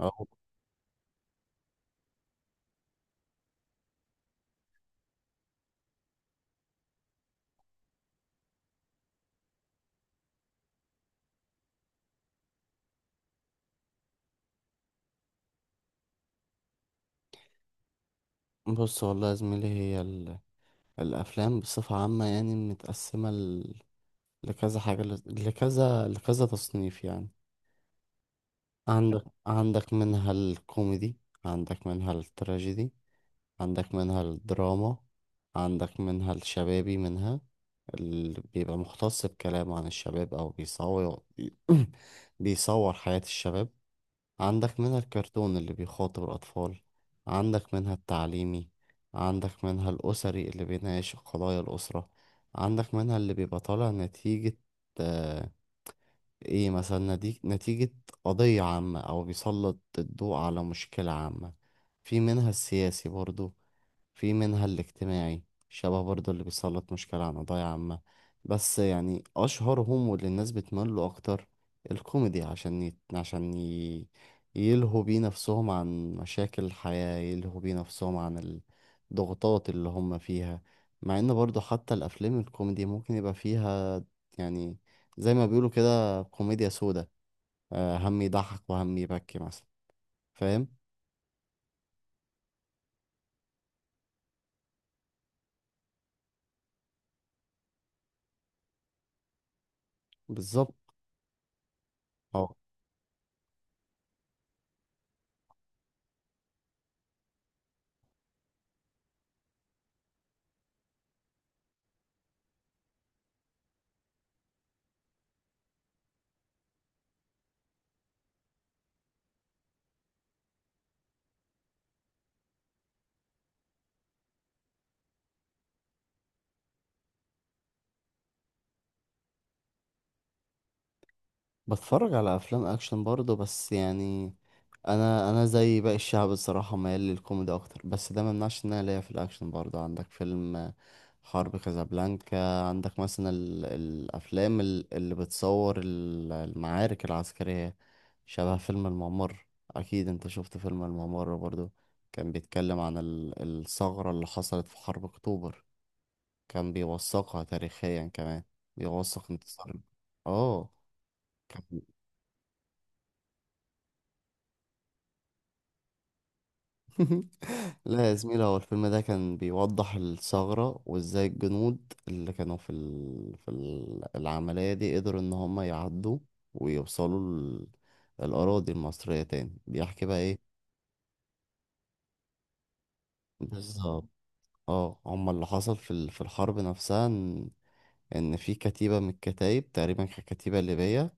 أهو. بص والله يا زميلي هي الأفلام بصفة عامة يعني متقسمة لكذا حاجة ل... لكذا لكذا تصنيف يعني. عندك منها الكوميدي، عندك منها التراجيدي، عندك منها الدراما، عندك منها الشبابي، منها اللي بيبقى مختص بكلام عن الشباب أو بيصور بيصور حياة الشباب، عندك منها الكرتون اللي بيخاطب الأطفال، عندك منها التعليمي، عندك منها الأسري اللي بيناقش قضايا الأسرة، عندك منها اللي بيبقى طالع نتيجة آه إيه، مثلا نتيجة قضية عامة أو بيسلط الضوء على مشكلة عامة. في منها السياسي برضو، في منها الاجتماعي شبه برضه اللي بيسلط مشكلة عن قضايا عامة. بس يعني أشهرهم واللي الناس بتميل له أكتر الكوميدي، عشان يلهوا بيه نفسهم عن مشاكل الحياة، يلهوا بيه نفسهم عن الضغوطات اللي هم فيها. مع إن برضه حتى الأفلام الكوميدي ممكن يبقى فيها يعني زي ما بيقولوا كده كوميديا سودا، هم يضحك وهم يبكي مثلا. فاهم؟ بالظبط. بتفرج على افلام اكشن برضه بس يعني انا زي باقي الشعب الصراحه ميال للكوميدي اكتر، بس ده ما يمنعش ان انا ليا في الاكشن برضه. عندك فيلم حرب كازابلانكا، عندك مثلا الافلام اللي بتصور المعارك العسكريه، شبه فيلم الممر. اكيد انت شفت فيلم الممر برضه، كان بيتكلم عن الثغره اللي حصلت في حرب اكتوبر، كان بيوثقها تاريخيا كمان، بيوثق انتصار. اه. لا يا زميلة، هو الفيلم ده كان بيوضح الثغرة وازاي الجنود اللي كانوا في العملية دي قدروا ان هم يعدوا ويوصلوا الأراضي المصرية تاني. بيحكي بقى ايه. بالظبط. اه، هم اللي حصل في في الحرب نفسها ان في كتيبة من الكتايب تقريبا كانت كتيبة ليبية،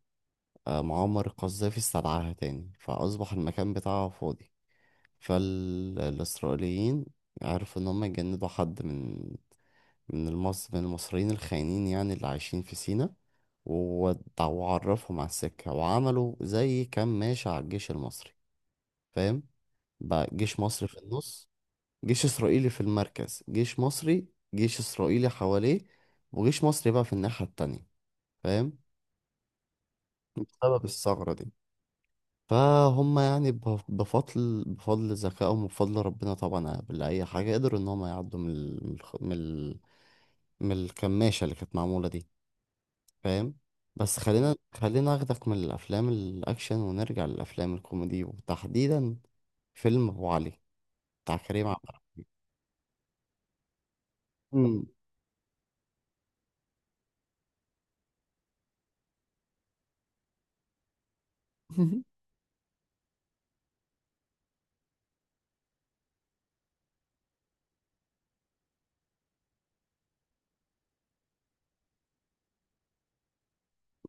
معمر القذافي استدعاها تاني فأصبح المكان بتاعها فاضي. فالإسرائيليين عرفوا إن هم يجندوا حد من المصريين الخاينين يعني اللي عايشين في سينا، وعرفهم على السكة وعملوا زي كماشة على الجيش المصري. فاهم؟ بقى جيش مصري في النص، جيش إسرائيلي في المركز، جيش مصري، جيش إسرائيلي حواليه، وجيش مصري بقى في الناحية التانية. فاهم؟ بسبب الثغرة دي فهم يعني بفضل ذكائهم وبفضل ربنا طبعا قبل أي حاجة، قدروا إن هم يعدوا من ال... من الخ- من ال- من الكماشة اللي كانت معمولة دي. فاهم؟ بس خلينا اخدك من الافلام الاكشن ونرجع للافلام الكوميدي، وتحديدا فيلم ابو علي بتاع كريم عبد العزيز. مم.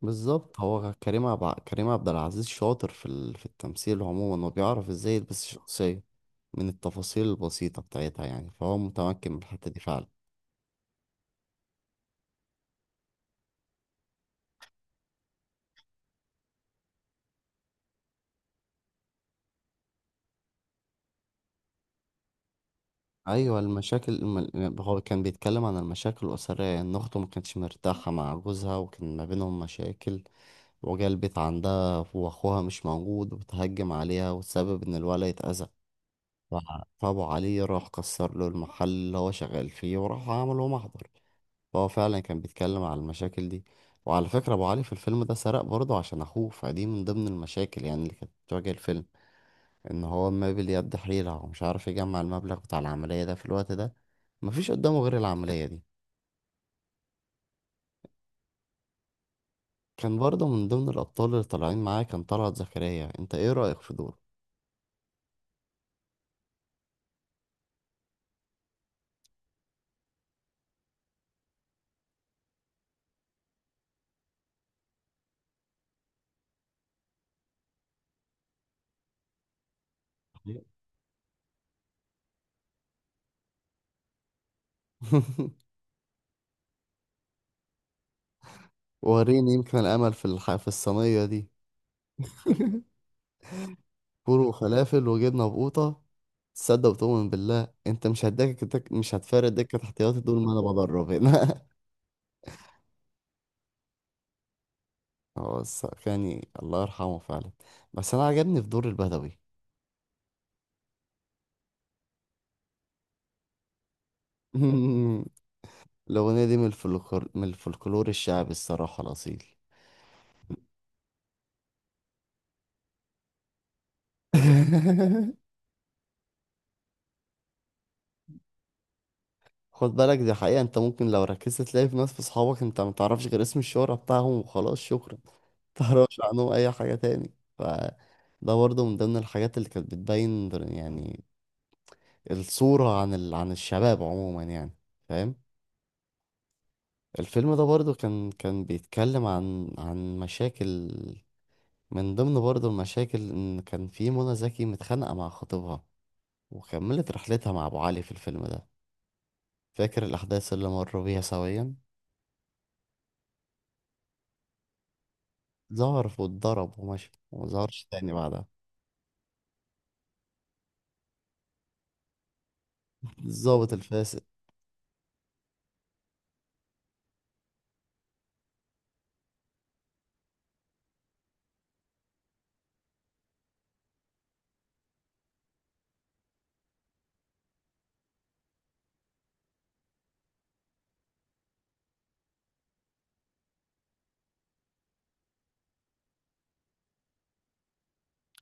بالظبط. هو كريم عبد العزيز شاطر في في التمثيل عموما وبيعرف ازاي يلبس الشخصية من التفاصيل البسيطة بتاعتها يعني، فهو متمكن من الحتة دي فعلا. ايوه، هو كان بيتكلم عن المشاكل الاسرية، ان اخته ما كانتش مرتاحة مع جوزها وكان ما بينهم مشاكل، وجا البيت عندها وأخوها مش موجود وبتهجم عليها وتسبب إن الولد يتأذى. ف- فأبو علي راح كسر له المحل اللي هو شغال فيه وراح عمل له محضر. فهو فعلا كان بيتكلم على المشاكل دي. وعلى فكرة أبو علي في الفيلم ده سرق برضه عشان أخوه، فدي من ضمن المشاكل يعني اللي كانت بتواجه الفيلم، إن هو مابل يد حيلة ومش عارف يجمع المبلغ بتاع العملية ده في الوقت ده، مفيش قدامه غير العملية دي. كان برضه من ضمن الأبطال اللي طالعين معاه كان طلعت زكريا. أنت إيه رأيك في دول؟ وريني يمكن الأمل في في الصينية دي. فول وفلافل وجبنة بقوطة، تصدق وتؤمن بالله انت مش مش هتفارق دكة احتياطي دول ما انا بدرب هنا. هو يعني الله يرحمه فعلا، بس انا عجبني في دور البدوي. الأغنية دي من الفلكلور، من الفلكلور الشعبي الصراحة الأصيل. خد بالك، دي حقيقة، انت ممكن لو ركزت تلاقي في ناس، في اصحابك انت ما تعرفش غير اسم الشهرة بتاعهم وخلاص شكرا. ما تعرفش عنهم اي حاجة تاني. ف ده برضه من ضمن الحاجات اللي كانت بتبين يعني الصورة عن عن الشباب عموما يعني. فاهم؟ الفيلم ده برضه كان بيتكلم عن مشاكل، من ضمن برضه المشاكل ان كان في منى زكي متخانقة مع خطيبها وكملت رحلتها مع ابو علي في الفيلم ده. فاكر الاحداث اللي مروا بيها سويا؟ ظهر واتضرب ومشي وما ظهرش تاني بعدها. الضابط الفاسد.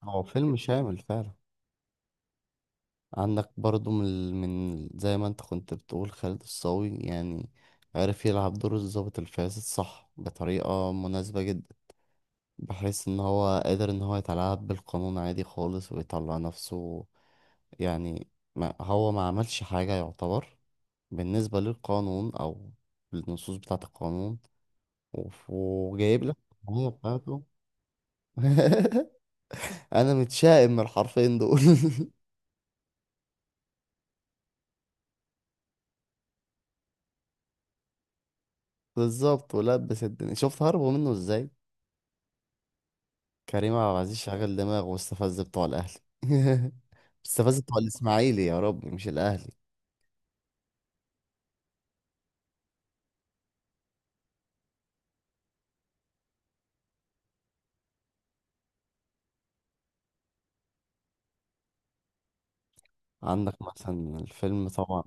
هو فيلم شامل فعلا. عندك برضو من من زي ما انت كنت بتقول خالد الصاوي يعني، عرف يلعب دور الضابط الفاسد صح بطريقة مناسبة جدا، بحيث ان هو قادر ان هو يتلاعب بالقانون عادي خالص ويطلع نفسه يعني، ما هو ما عملش حاجة يعتبر بالنسبة للقانون او للنصوص بتاعة القانون، وجايب لك الحماية بتاعته. انا متشائم من الحرفين دول. بالظبط، ولبس الدنيا، شفت هربوا منه ازاي؟ كريم عبد العزيز شغل دماغه واستفز بتوع الاهلي. استفز بتوع الاسماعيلي يا رب، مش الاهلي. عندك مثلا الفيلم طبعا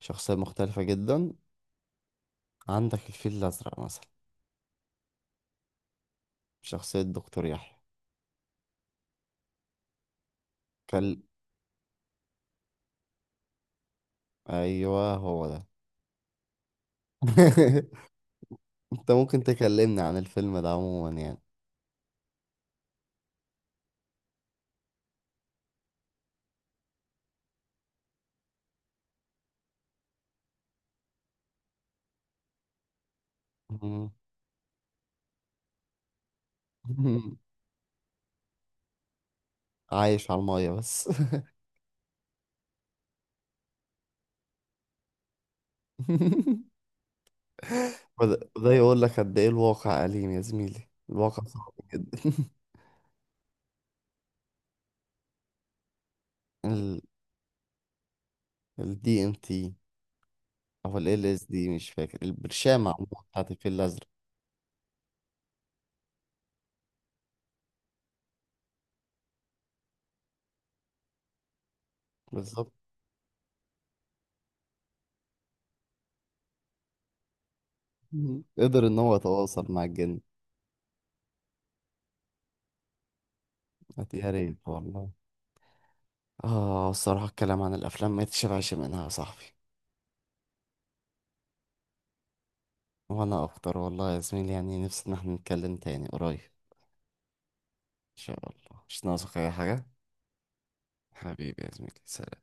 شخصية مختلفة جدا، عندك الفيل الازرق مثلا، شخصية دكتور يحيى. كل ايوه، هو ده. انت ممكن تكلمني عن الفيلم ده عموما يعني؟ عايش على المية بس. وده يقول لك قد ايه الواقع أليم يا زميلي، الواقع صعب جدا. ال ال DMT او ال LSD، مش فاكر البرشامة عموما بتاعت الفيل الأزرق. بالظبط. مم. قدر ان هو يتواصل مع الجن. يا ريت والله. اه الصراحة الكلام عن الافلام ما يتشبعش منها يا صاحبي. وانا اكتر والله يا زميلي، يعني نفسي ان احنا نتكلم تاني قريب ان شاء الله. مش ناقصك اي حاجة، حبيبي يا زميلي، سلام.